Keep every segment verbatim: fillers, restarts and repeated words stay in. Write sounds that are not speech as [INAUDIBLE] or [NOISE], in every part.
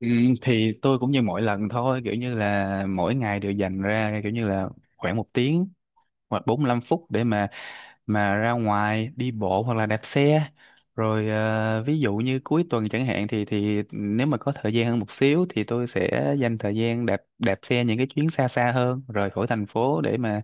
Ừ, thì tôi cũng như mỗi lần thôi kiểu như là mỗi ngày đều dành ra kiểu như là khoảng một tiếng hoặc bốn lăm phút để mà mà ra ngoài đi bộ hoặc là đạp xe rồi ờ, ví dụ như cuối tuần chẳng hạn thì thì nếu mà có thời gian hơn một xíu thì tôi sẽ dành thời gian đạp đạp xe những cái chuyến xa xa hơn rời khỏi thành phố để mà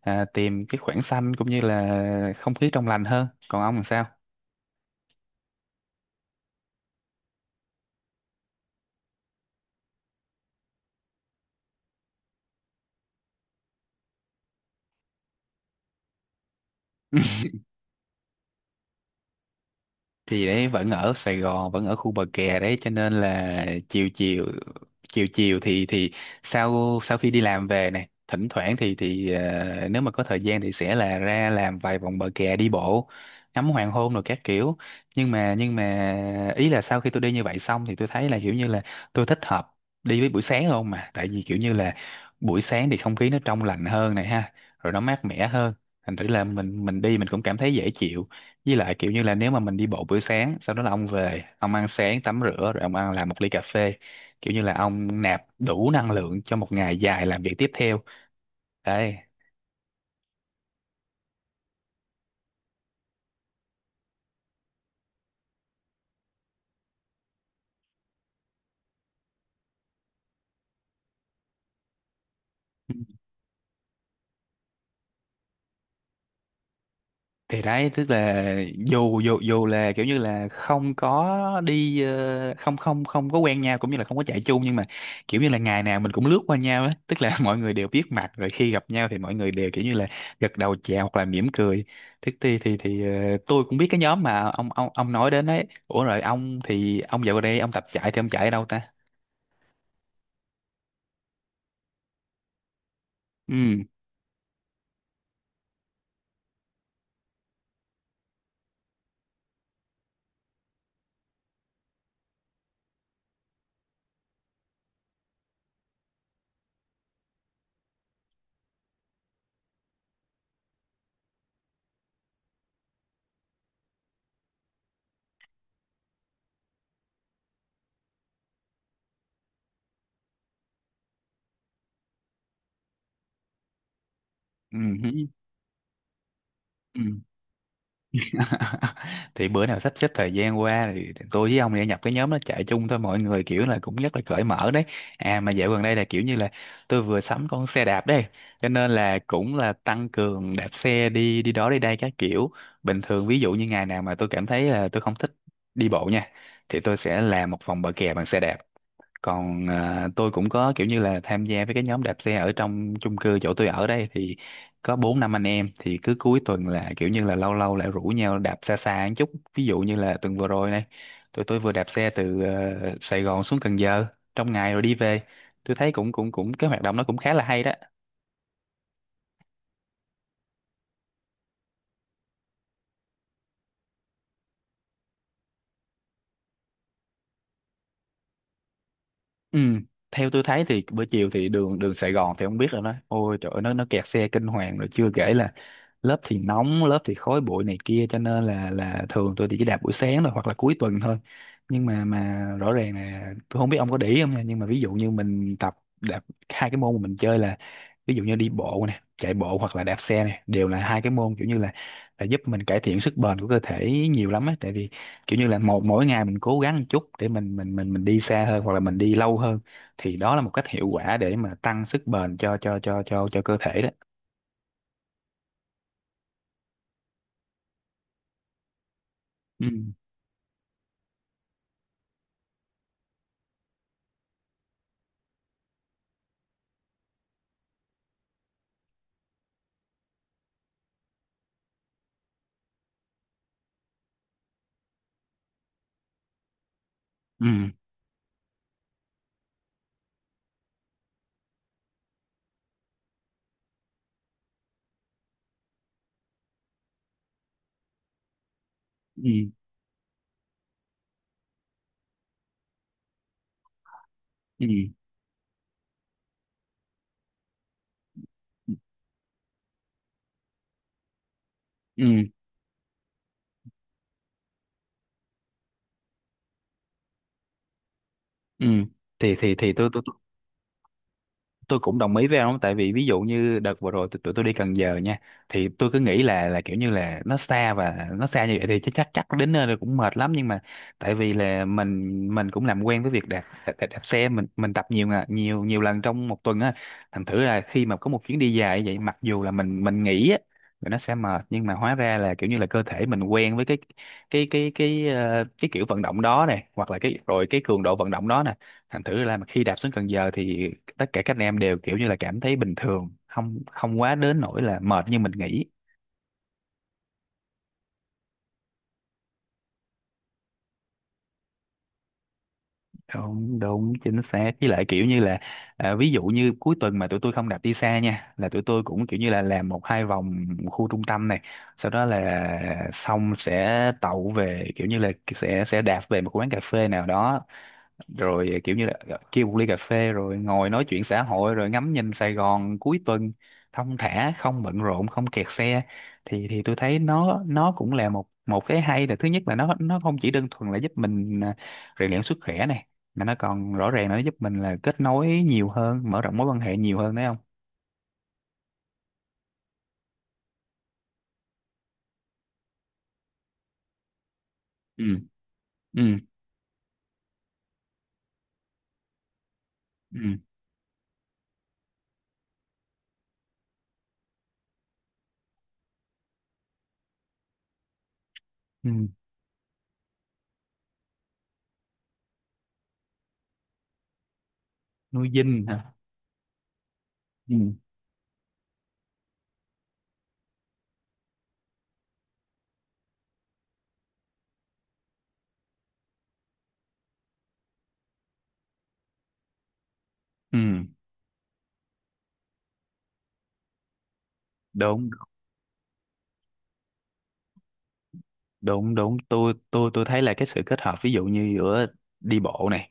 à, tìm cái khoảng xanh cũng như là không khí trong lành hơn. Còn ông làm sao? Thì đấy, vẫn ở Sài Gòn, vẫn ở khu bờ kè đấy cho nên là chiều chiều chiều chiều thì thì sau sau khi đi làm về này, thỉnh thoảng thì thì ờ, nếu mà có thời gian thì sẽ là ra làm vài vòng bờ kè, đi bộ ngắm hoàng hôn rồi các kiểu. Nhưng mà nhưng mà ý là sau khi tôi đi như vậy xong thì tôi thấy là kiểu như là tôi thích hợp đi với buổi sáng không, mà tại vì kiểu như là buổi sáng thì không khí nó trong lành hơn này ha, rồi nó mát mẻ hơn, thành thử là mình mình đi mình cũng cảm thấy dễ chịu. Với lại kiểu như là nếu mà mình đi bộ buổi sáng, sau đó là ông về, ông ăn sáng, tắm rửa, rồi ông ăn làm một ly cà phê. Kiểu như là ông nạp đủ năng lượng cho một ngày dài làm việc tiếp theo. Đấy. Thì đấy, tức là dù dù dù là kiểu như là không có đi ờ, không không không có quen nhau cũng như là không có chạy chung, nhưng mà kiểu như là ngày nào mình cũng lướt qua nhau á, tức là [LAUGHS] mọi người đều biết mặt rồi, khi gặp nhau thì mọi người đều kiểu như là gật đầu chào hoặc là mỉm cười. Thế thì thì thì ờ, tôi cũng biết cái nhóm mà ông ông ông nói đến ấy. Ủa rồi ông, thì ông dạo gần đây ông tập chạy thì ông chạy ở đâu ta? Ừ, ừ, ừ. [LAUGHS] Thì bữa nào sắp xếp thời gian qua thì tôi với ông thì nhập cái nhóm nó chạy chung thôi, mọi người kiểu là cũng rất là cởi mở đấy. À mà dạo gần đây là kiểu như là tôi vừa sắm con xe đạp đấy cho nên là cũng là tăng cường đạp xe đi đi đó đi đây các kiểu. Bình thường ví dụ như ngày nào mà tôi cảm thấy là tôi không thích đi bộ nha thì tôi sẽ làm một vòng bờ kè bằng xe đạp. Còn à, tôi cũng có kiểu như là tham gia với cái nhóm đạp xe ở trong chung cư chỗ tôi ở đây, thì có bốn năm anh em thì cứ cuối tuần là kiểu như là lâu lâu lại rủ nhau đạp xa xa một chút. Ví dụ như là tuần vừa rồi này, tụi tôi vừa đạp xe từ ờ, Sài Gòn xuống Cần Giờ trong ngày rồi đi về. Tôi thấy cũng cũng cũng cái hoạt động nó cũng khá là hay đó. Ừ, theo tôi thấy thì bữa chiều thì đường đường Sài Gòn thì không biết rồi đó, ôi trời ơi, nó nó kẹt xe kinh hoàng, rồi chưa kể là lớp thì nóng lớp thì khói bụi này kia, cho nên là là thường tôi thì chỉ đạp buổi sáng thôi hoặc là cuối tuần thôi. Nhưng mà mà rõ ràng là tôi không biết ông có để ý không nha, nhưng mà ví dụ như mình tập đạp hai cái môn mà mình chơi là ví dụ như đi bộ nè, chạy bộ hoặc là đạp xe nè, đều là hai cái môn kiểu như là là giúp mình cải thiện sức bền của cơ thể nhiều lắm á, tại vì kiểu như là một mỗi ngày mình cố gắng một chút để mình mình mình mình đi xa hơn hoặc là mình đi lâu hơn, thì đó là một cách hiệu quả để mà tăng sức bền cho cho cho cho cho cơ thể đó. Ừ, ừ, ừ, ừ, ừ, ừ. Thì thì thì tôi tôi tôi tôi cũng đồng ý với ông, tại vì ví dụ như đợt vừa rồi tụi tụi tôi đi Cần Giờ nha, thì tôi cứ nghĩ là là kiểu như là nó xa, và nó xa như vậy thì chắc chắc chắc đến nơi rồi cũng mệt lắm, nhưng mà tại vì là mình mình cũng làm quen với việc đạp đạp, đạp, đạp xe, mình mình tập nhiều ngà- nhiều nhiều lần trong một tuần á, thành thử là khi mà có một chuyến đi dài như vậy, mặc dù là mình mình nghĩ á là nó sẽ mệt, nhưng mà hóa ra là kiểu như là cơ thể mình quen với cái cái cái cái ờ, cái kiểu vận động đó này, hoặc là cái rồi cái cường độ vận động đó nè, thành thử ra mà khi đạp xuống Cần Giờ thì tất cả các anh em đều kiểu như là cảm thấy bình thường, không không quá đến nỗi là mệt như mình nghĩ. Đúng, đúng, chính xác. Với lại kiểu như là à, ví dụ như cuối tuần mà tụi tôi không đạp đi xa nha, là tụi tôi cũng kiểu như là làm một hai vòng khu trung tâm này, sau đó là xong sẽ tậu về, kiểu như là sẽ sẽ đạp về một quán cà phê nào đó, rồi à, kiểu như là kêu một ly cà phê, rồi ngồi nói chuyện xã hội, rồi ngắm nhìn Sài Gòn cuối tuần thong thả, không bận rộn, không kẹt xe. Thì thì tôi thấy nó nó cũng là một một cái hay, là thứ nhất là nó nó không chỉ đơn thuần là giúp mình à, rèn luyện sức khỏe này, mà nó còn rõ ràng là nó giúp mình là kết nối nhiều hơn, mở rộng mối quan hệ nhiều hơn đấy không? Ừ, ừ, ừ, ừ. Nuôi dinh hả? Ừ, ừ. Đúng, đúng, đúng, tôi tôi tôi thấy là cái sự kết hợp ví dụ như giữa đi bộ này,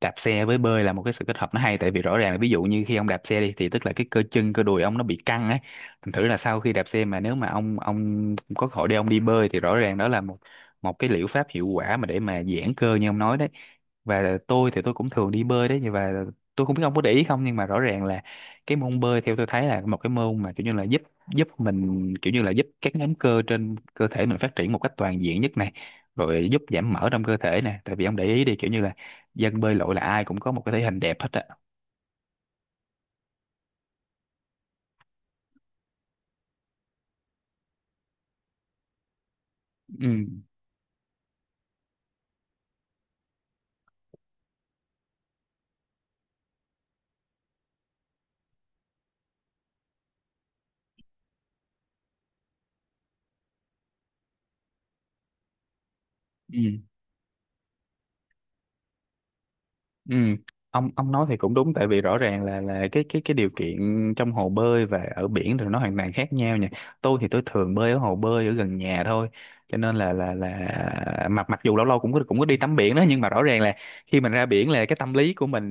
đạp xe với bơi là một cái sự kết hợp nó hay, tại vì rõ ràng là ví dụ như khi ông đạp xe đi thì tức là cái cơ chân cơ đùi ông nó bị căng ấy, thành thử là sau khi đạp xe mà nếu mà ông ông có cơ hội để ông đi bơi thì rõ ràng đó là một một cái liệu pháp hiệu quả mà để mà giãn cơ như ông nói đấy. Và tôi thì tôi cũng thường đi bơi đấy, và tôi không biết ông có để ý không, nhưng mà rõ ràng là cái môn bơi theo tôi thấy là một cái môn mà kiểu như là giúp giúp mình, kiểu như là giúp các nhóm cơ trên cơ thể mình phát triển một cách toàn diện nhất này, rồi giúp giảm mỡ trong cơ thể nè, tại vì ông để ý đi kiểu như là dân bơi lội là ai cũng có một cái thể hình đẹp hết á. Ừ, ừ. Ừ, ông ông nói thì cũng đúng, tại vì rõ ràng là là cái cái cái điều kiện trong hồ bơi và ở biển thì nó hoàn toàn khác nhau nha. Tôi thì tôi thường bơi ở hồ bơi ở gần nhà thôi. Cho nên là là là mặc mặc dù lâu lâu cũng có cũng có đi tắm biển đó, nhưng mà rõ ràng là khi mình ra biển là cái tâm lý của mình,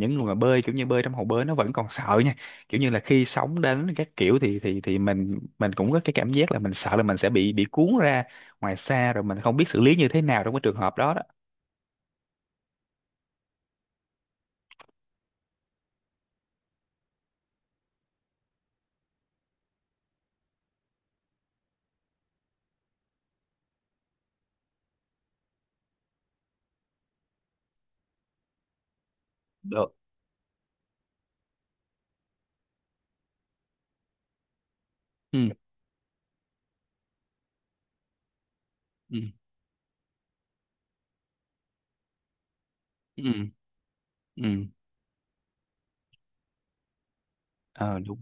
những người mà bơi kiểu như bơi trong hồ bơi, nó vẫn còn sợ nha. Kiểu như là khi sóng đến các kiểu thì thì thì mình mình cũng có cái cảm giác là mình sợ là mình sẽ bị bị cuốn ra ngoài xa rồi mình không biết xử lý như thế nào trong cái trường hợp đó đó. Được. Ừ. Ừ. Ừ. Ừ, ờ, đúng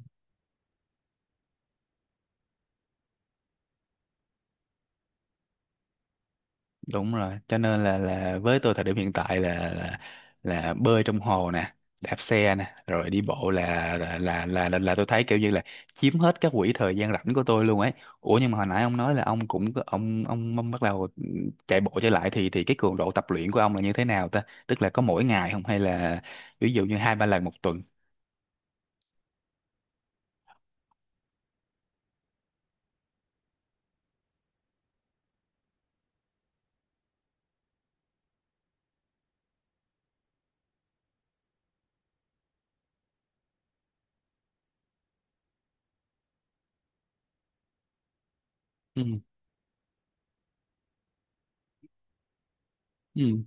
đúng rồi. Cho nên là là với tôi thời điểm hiện tại là là, là bơi trong hồ nè, đạp xe nè, rồi đi bộ là là là là, là, là tôi thấy kiểu như là chiếm hết các quỹ thời gian rảnh của tôi luôn ấy. Ủa nhưng mà hồi nãy ông nói là ông cũng có- ông ông ông bắt đầu chạy bộ trở lại, thì thì cái cường độ tập luyện của ông là như thế nào ta? Tức là có mỗi ngày không, hay là ví dụ như hai ba lần một tuần? Ừ, ừ,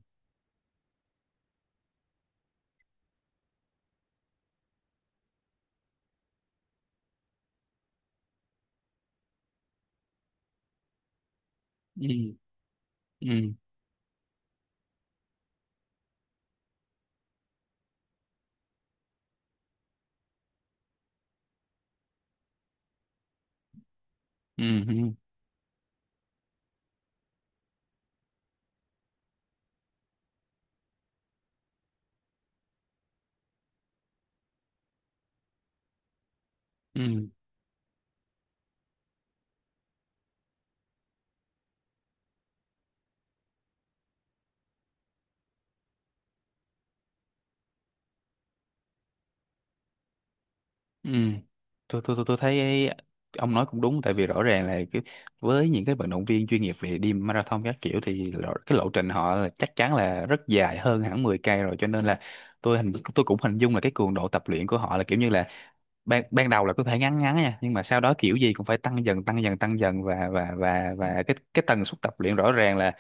ừ, ừ, ừ, ừ, ừ. Ừ. Tôi, tôi tôi tôi thấy ông nói cũng đúng, tại vì rõ ràng là cái, với những cái vận động viên chuyên nghiệp về đi marathon các kiểu thì lộ- cái lộ trình họ là chắc chắn là rất dài hơn hẳn mười cây rồi, cho nên là tôi hình tôi cũng hình dung là cái cường độ tập luyện của họ là kiểu như là ban ban đầu là có thể ngắn ngắn nha, nhưng mà sau đó kiểu gì cũng phải tăng dần tăng dần tăng dần, và và và và cái cái tần suất tập luyện rõ ràng là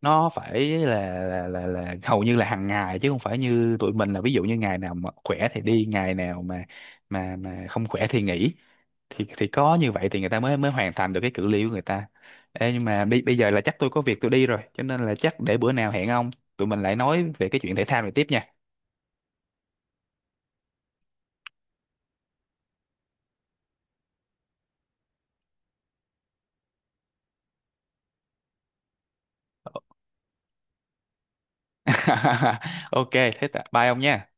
nó phải là là là, là hầu như là hàng ngày, chứ không phải như tụi mình là ví dụ như ngày nào mà khỏe thì đi, ngày nào mà mà mà không khỏe thì nghỉ, thì thì có như vậy thì người ta mới mới hoàn thành được cái cự ly của người ta. Ê, nhưng mà bây bây giờ là chắc tôi có việc tôi đi rồi, cho nên là chắc để bữa nào hẹn ông, tụi mình lại nói về cái chuyện thể thao này tiếp nha. [LAUGHS] Ok, thế tạ- bye ông nha.